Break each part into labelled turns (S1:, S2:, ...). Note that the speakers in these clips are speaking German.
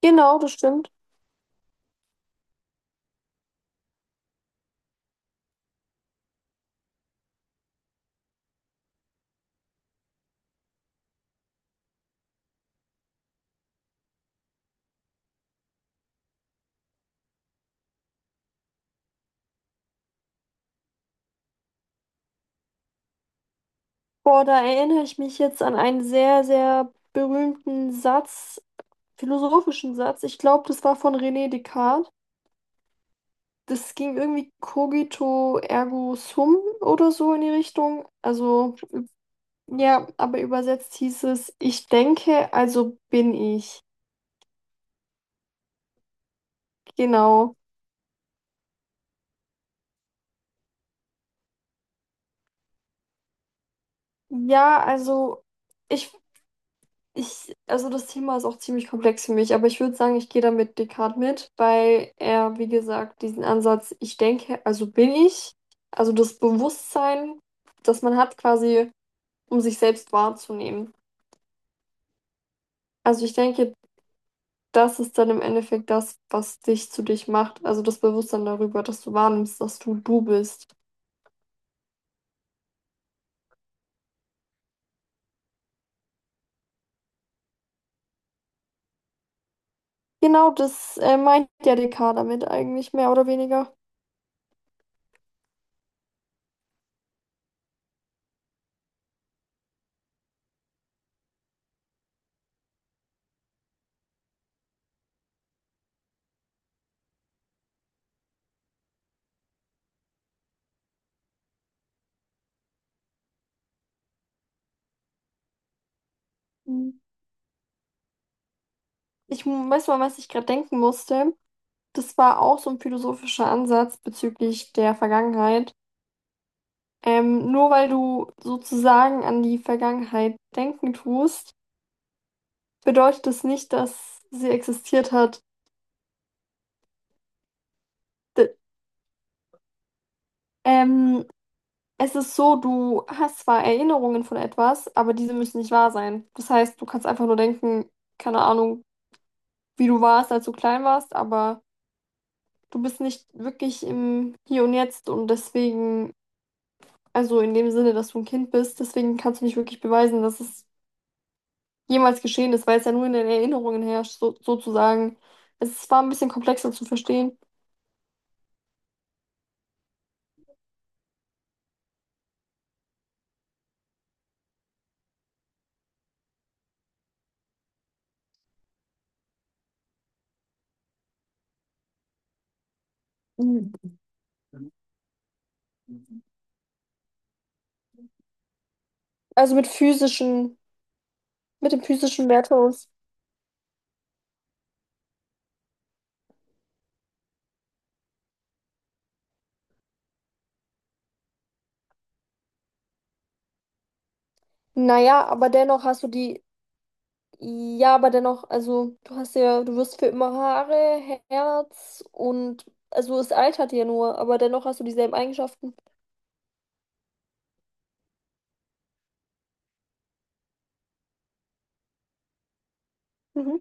S1: Genau, das stimmt. Boah, da erinnere ich mich jetzt an einen sehr, sehr berühmten Satz, philosophischen Satz. Ich glaube, das war von René Descartes. Das ging irgendwie cogito ergo sum oder so in die Richtung. Also ja, aber übersetzt hieß es, ich denke, also bin ich. Genau. Ja, also ich Ich, also das Thema ist auch ziemlich komplex für mich, aber ich würde sagen, ich gehe da mit Descartes mit, weil er, wie gesagt, diesen Ansatz, ich denke, also bin ich, also das Bewusstsein, das man hat quasi, um sich selbst wahrzunehmen. Also ich denke, das ist dann im Endeffekt das, was dich zu dich macht, also das Bewusstsein darüber, dass du wahrnimmst, dass du du bist. Genau das meint ja Descartes damit eigentlich, mehr oder weniger. Weiß mal, was ich gerade denken musste. Das war auch so ein philosophischer Ansatz bezüglich der Vergangenheit. Nur weil du sozusagen an die Vergangenheit denken tust, bedeutet das nicht, dass sie existiert hat. D ähm, Es ist so, du hast zwar Erinnerungen von etwas, aber diese müssen nicht wahr sein. Das heißt, du kannst einfach nur denken, keine Ahnung, wie du warst, als du klein warst, aber du bist nicht wirklich im Hier und Jetzt und deswegen, also in dem Sinne, dass du ein Kind bist, deswegen kannst du nicht wirklich beweisen, dass es jemals geschehen ist, weil es ja nur in den Erinnerungen herrscht, so, sozusagen. Es war ein bisschen komplexer zu verstehen. Also mit physischen, mit dem physischen Wertverlust. Naja, aber dennoch hast du die, ja, aber dennoch, also du hast ja, du wirst für immer Haare, Herz und, also es altert ja nur, aber dennoch hast du dieselben Eigenschaften. Mhm.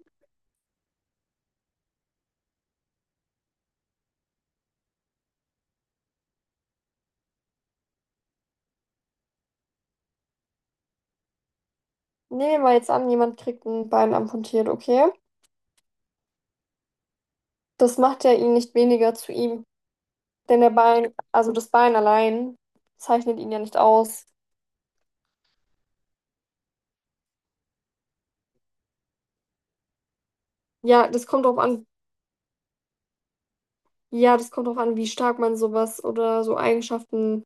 S1: Nehmen wir jetzt an, jemand kriegt ein Bein amputiert, okay? Das macht ja ihn nicht weniger zu ihm, denn der Bein, also das Bein allein zeichnet ihn ja nicht aus. Ja, das kommt drauf an, ja, das kommt drauf an, wie stark man sowas oder so Eigenschaften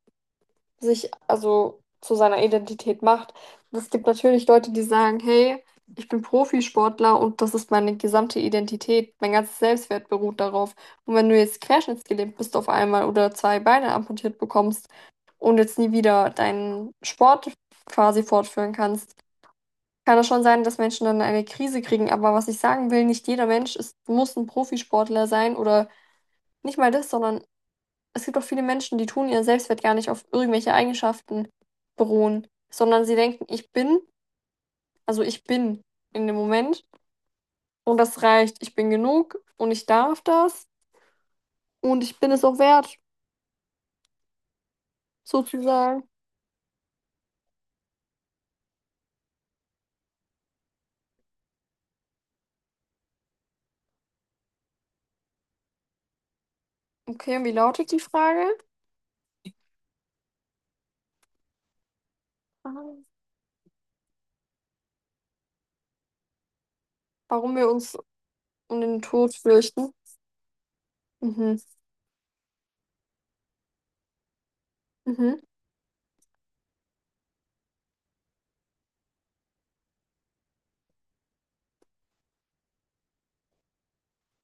S1: sich, also zu seiner Identität macht. Es gibt natürlich Leute, die sagen, hey, ich bin Profisportler und das ist meine gesamte Identität, mein ganzes Selbstwert beruht darauf. Und wenn du jetzt querschnittsgelähmt bist auf einmal oder zwei Beine amputiert bekommst und jetzt nie wieder deinen Sport quasi fortführen kannst, kann es schon sein, dass Menschen dann eine Krise kriegen. Aber was ich sagen will, nicht jeder Mensch ist, muss ein Profisportler sein oder nicht mal das, sondern es gibt auch viele Menschen, die tun ihren Selbstwert gar nicht auf irgendwelche Eigenschaften beruhen, sondern sie denken, ich bin, also ich bin in dem Moment und das reicht. Ich bin genug und ich darf das und ich bin es auch wert, sozusagen. Okay, und wie lautet die Frage? Ah. Warum wir uns um den Tod fürchten? Mhm. Mhm.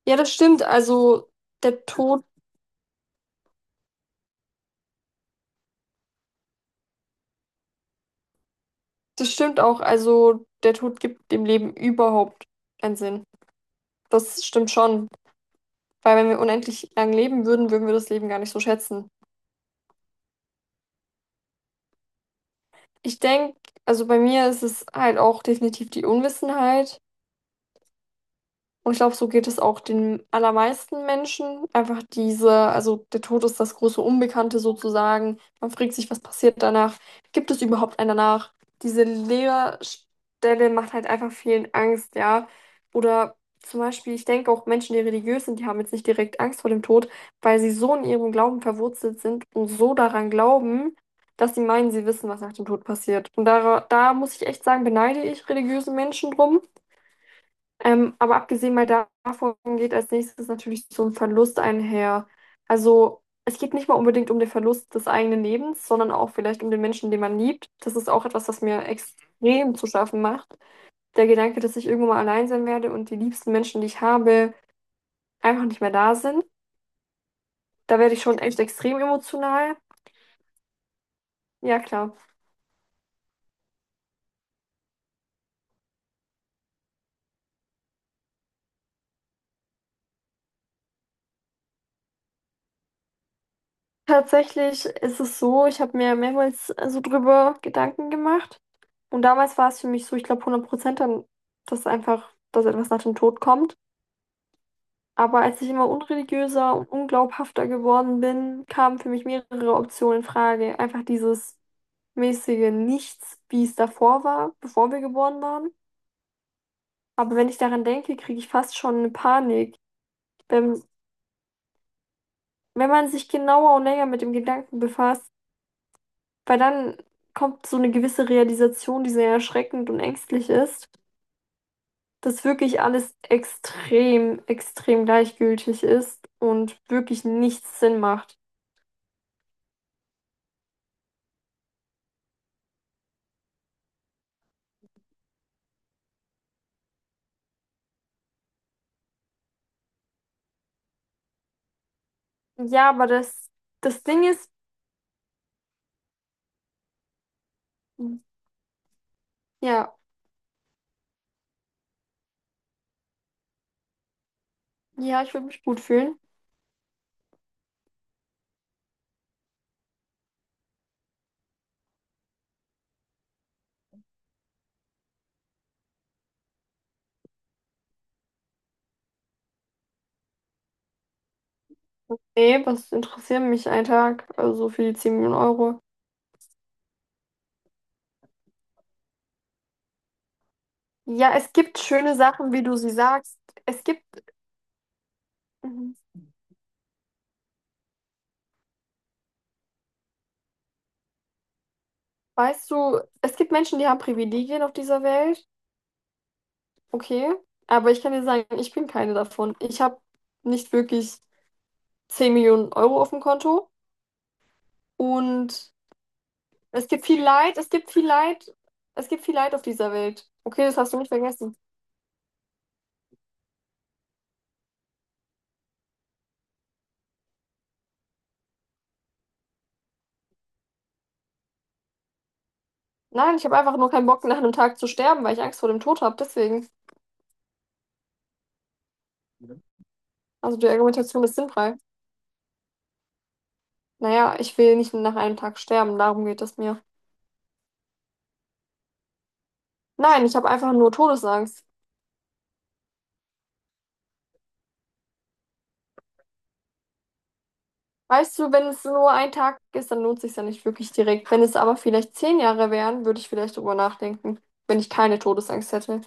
S1: Ja, das stimmt. Der Tod, das stimmt auch. Also der Tod gibt dem Leben überhaupt keinen Sinn. Das stimmt schon. Weil wenn wir unendlich lang leben würden, würden wir das Leben gar nicht so schätzen. Ich denke, also bei mir ist es halt auch definitiv die Unwissenheit. Und ich glaube, so geht es auch den allermeisten Menschen. Einfach diese, also der Tod ist das große Unbekannte sozusagen. Man fragt sich, was passiert danach? Gibt es überhaupt einen danach? Diese Leerstelle macht halt einfach vielen Angst, ja. Oder zum Beispiel, ich denke auch Menschen, die religiös sind, die haben jetzt nicht direkt Angst vor dem Tod, weil sie so in ihrem Glauben verwurzelt sind und so daran glauben, dass sie meinen, sie wissen, was nach dem Tod passiert. Und da, da muss ich echt sagen, beneide ich religiöse Menschen drum. Aber abgesehen mal davon geht als nächstes natürlich so ein Verlust einher. Also es geht nicht mal unbedingt um den Verlust des eigenen Lebens, sondern auch vielleicht um den Menschen, den man liebt. Das ist auch etwas, was mir extrem zu schaffen macht. Der Gedanke, dass ich irgendwann mal allein sein werde und die liebsten Menschen, die ich habe, einfach nicht mehr da sind. Da werde ich schon echt extrem emotional. Ja, klar. Tatsächlich ist es so, ich habe mir mehrmals so drüber Gedanken gemacht. Und damals war es für mich so, ich glaube 100% dann, dass einfach, dass etwas nach dem Tod kommt. Aber als ich immer unreligiöser und unglaubhafter geworden bin, kamen für mich mehrere Optionen in Frage. Einfach dieses mäßige Nichts, wie es davor war, bevor wir geboren waren. Aber wenn ich daran denke, kriege ich fast schon eine Panik. Wenn, wenn man sich genauer und länger mit dem Gedanken befasst, weil dann kommt so eine gewisse Realisation, die sehr erschreckend und ängstlich ist, dass wirklich alles extrem, extrem gleichgültig ist und wirklich nichts Sinn macht. Ja, aber das, Ding ist, ja, ja, ich würde mich gut fühlen. Nee, was interessiert mich ein Tag? Also für die 10 Millionen Euro. Ja, es gibt schöne Sachen, wie du sie sagst. Es gibt, mhm, weißt du, es gibt Menschen, die haben Privilegien auf dieser Welt. Okay, aber ich kann dir sagen, ich bin keine davon. Ich habe nicht wirklich 10 Millionen Euro auf dem Konto und es gibt viel Leid, es gibt viel Leid, es gibt viel Leid auf dieser Welt. Okay, das hast du nicht vergessen. Nein, ich habe einfach nur keinen Bock, nach einem Tag zu sterben, weil ich Angst vor dem Tod habe. Deswegen, also die Argumentation ist sinnfrei. Naja, ich will nicht nach einem Tag sterben, darum geht es mir. Nein, ich habe einfach nur Todesangst. Weißt du, wenn es nur ein Tag ist, dann lohnt sich ja nicht wirklich direkt. Wenn es aber vielleicht 10 Jahre wären, würde ich vielleicht drüber nachdenken, wenn ich keine Todesangst hätte.